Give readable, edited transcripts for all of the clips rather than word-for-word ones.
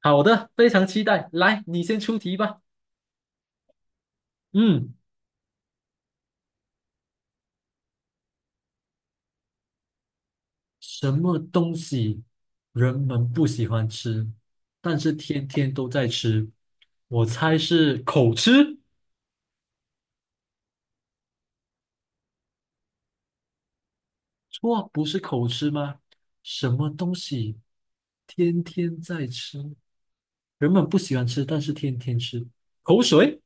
好的，非常期待。来，你先出题吧。嗯，什么东西人们不喜欢吃，但是天天都在吃？我猜是口吃。错，不是口吃吗？什么东西天天在吃，人们不喜欢吃，但是天天吃？口水？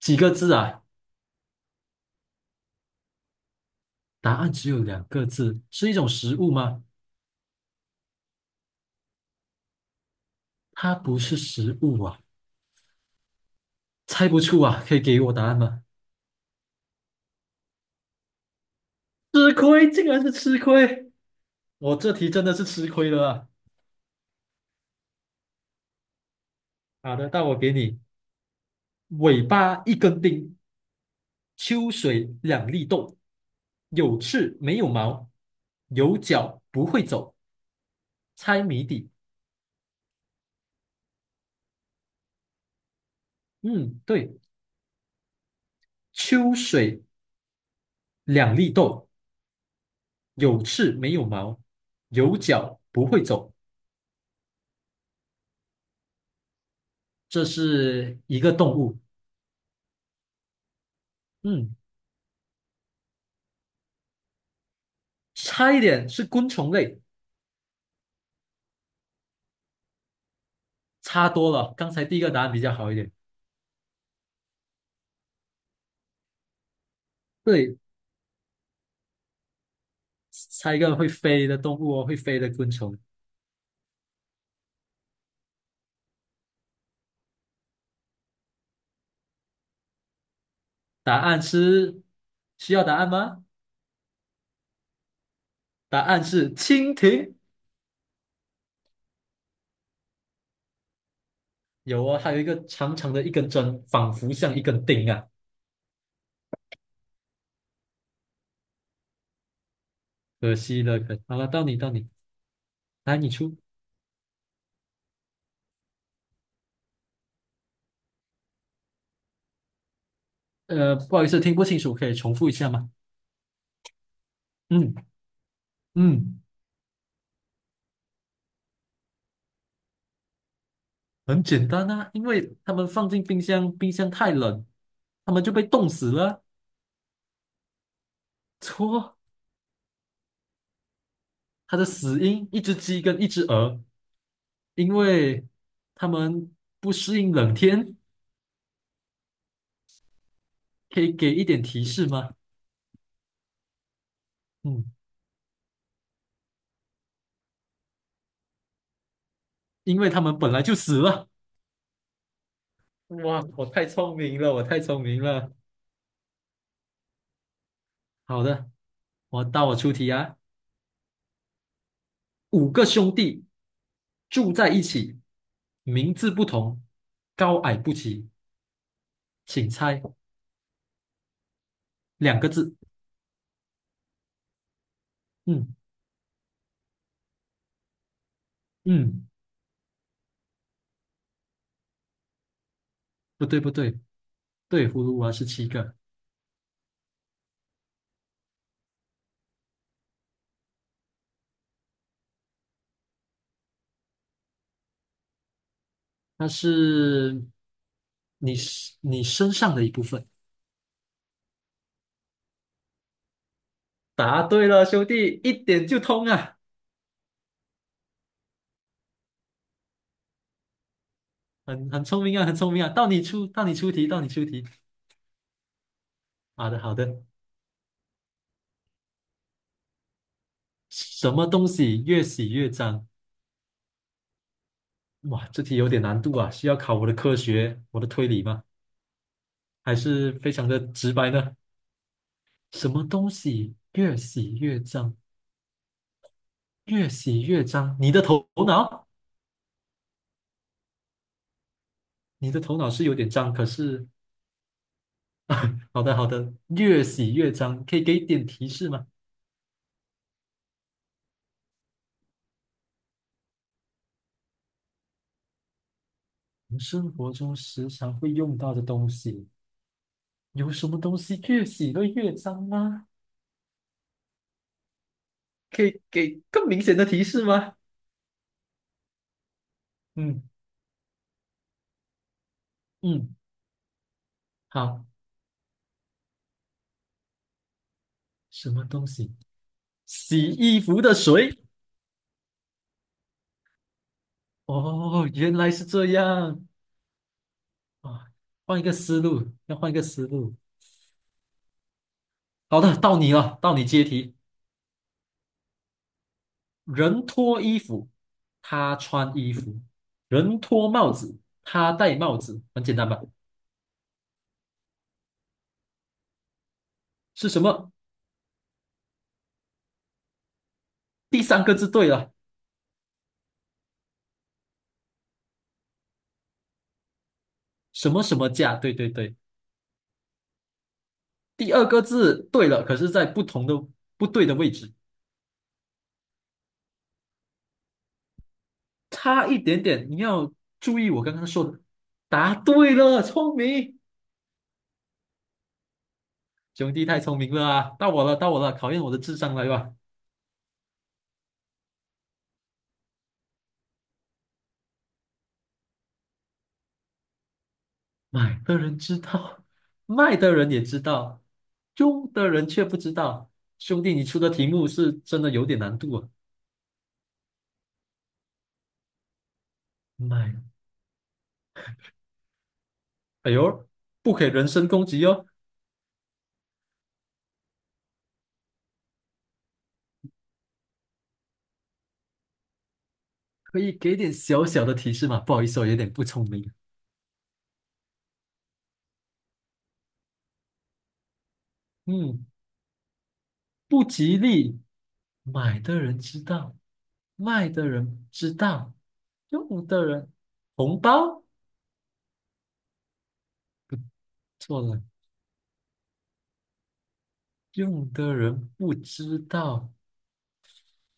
几个字啊？答案只有两个字，是一种食物吗？它不是食物啊，猜不出啊，可以给我答案吗？吃亏，竟然是吃亏。我这题真的是吃亏了啊！好的，那我给你：尾巴一根钉，秋水两粒豆，有翅没有毛，有脚不会走。猜谜底。嗯，对，秋水两粒豆，有翅没有毛，有脚不会走。这是一个动物。嗯，差一点是昆虫类，差多了。刚才第一个答案比较好一点。对，猜一个会飞的动物哦，会飞的昆虫。答案是需要答案吗？答案是蜻蜓。有啊，它有一个长长的一根针，仿佛像一根钉啊。可惜了，可好了，到你到你，来你出。不好意思，听不清楚，可以重复一下吗？嗯嗯，很简单啊，因为他们放进冰箱，冰箱太冷，他们就被冻死了。错，它的死因一只鸡跟一只鹅，因为他们不适应冷天，可以给一点提示吗？嗯。因为他们本来就死了。哇，我太聪明了，我太聪明了。好的，到我出题啊。五个兄弟住在一起，名字不同，高矮不齐，请猜两个字。嗯嗯，不对不对，对，葫芦娃是七个，它是你你身上的一部分。答对了，兄弟，一点就通啊，很聪明啊，很聪明啊。到你出，到你出题，到你出题。好的好的。什么东西越洗越脏？哇，这题有点难度啊，需要考我的科学，我的推理吗？还是非常的直白呢？什么东西越洗越脏，越洗越脏？你的头脑，你的头脑是有点脏，可是，好的好的，越洗越脏，可以给点提示吗？我们生活中时常会用到的东西，有什么东西越洗会越脏吗？可以给更明显的提示吗？嗯嗯，好，什么东西？洗衣服的水。哦，原来是这样啊！换一个思路，要换一个思路。好的，到你了，到你接题。人脱衣服，他穿衣服；人脱帽子，他戴帽子。很简单吧？是什么？第三个字对了，什么什么价？对对对，第二个字对了，可是在不对的位置，差一点点。你要注意我刚刚说的，答对了，聪明。兄弟太聪明了啊！到我了，到我了，考验我的智商来吧。买的人知道，卖的人也知道，用的人却不知道。兄弟，你出的题目是真的有点难度啊。买，哎呦，不可以人身攻击哦，可以给点小小的提示吗？不好意思，我有点不聪明。嗯，不吉利。买的人知道，卖的人知道，用的人红包不错了，用的人不知道。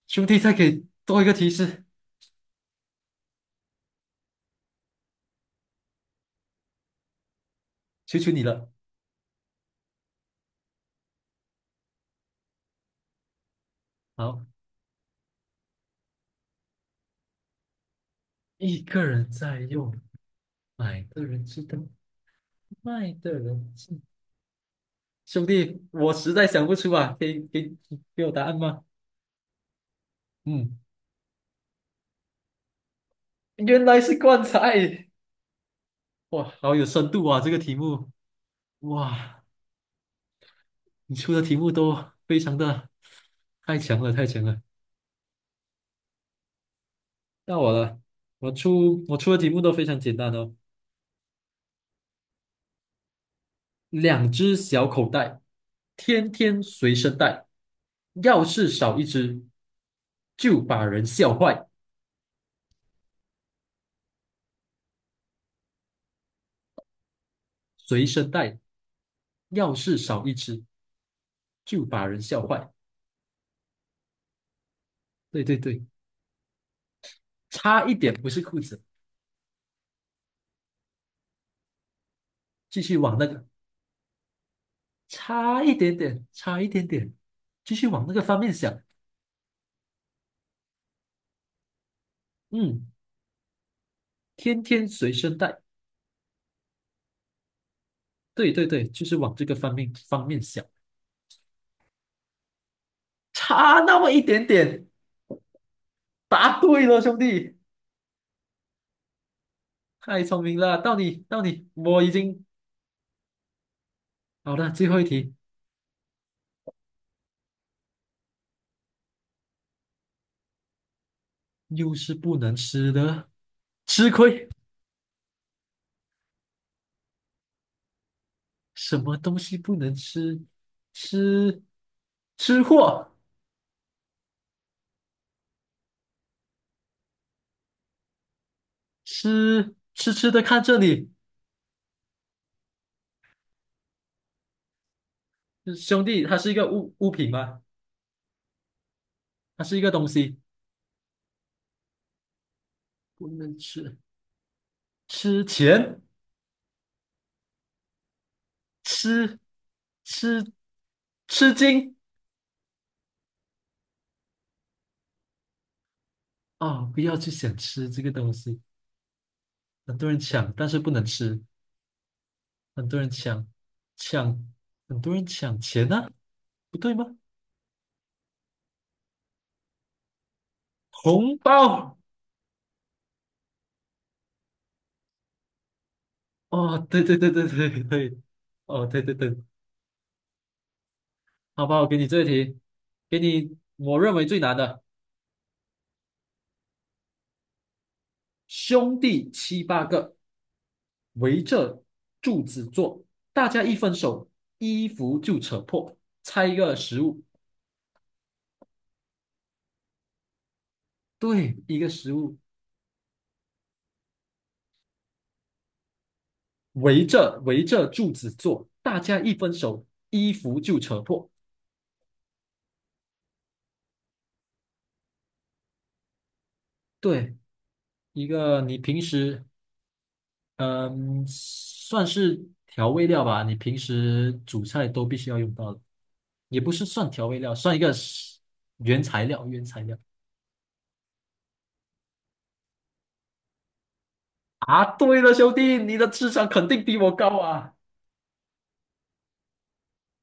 兄弟，再给多一个提示，求求你了。好，一个人在用，买的人知道，卖的人知。兄弟，我实在想不出啊，给我答案吗？嗯，原来是棺材。哇，好有深度啊，这个题目。哇，你出的题目都非常的太强了，太强了。到我了，我出的题目都非常简单哦。两只小口袋，天天随身带。要是少一只，就把人笑坏。随身带，要是少一只，就把人笑坏。对对对，差一点不是裤子，继续往那个，差一点点，差一点点，继续往那个方面想。嗯，天天随身带，对对对，就是往这个方面想，差那么一点点，答对了，兄弟。太聪明了，到你，到你，我已经。好的，最后一题。又是不能吃的，吃亏，什么东西不能吃？吃吃货，痴痴的看这里，兄弟，它是一个物品吗？它是一个东西，不能吃。吃钱，吃吃吃惊啊！不要去想吃这个东西，很多人抢，但是不能吃，很多人抢，很多人抢钱呢、不对吗？红包。哦，对对对对对对，哦，对对对，好吧，我给你这一题，给你我认为最难的，兄弟七八个围着柱子坐，大家一分手，衣服就扯破，猜一个食物，对，一个食物，围着柱子坐，大家一分手，衣服就扯破，对，一个你平时嗯，算是调味料吧。你平时煮菜都必须要用到的，也不是算调味料，算一个是原材料。原材料啊，对了，兄弟，你的智商肯定比我高啊！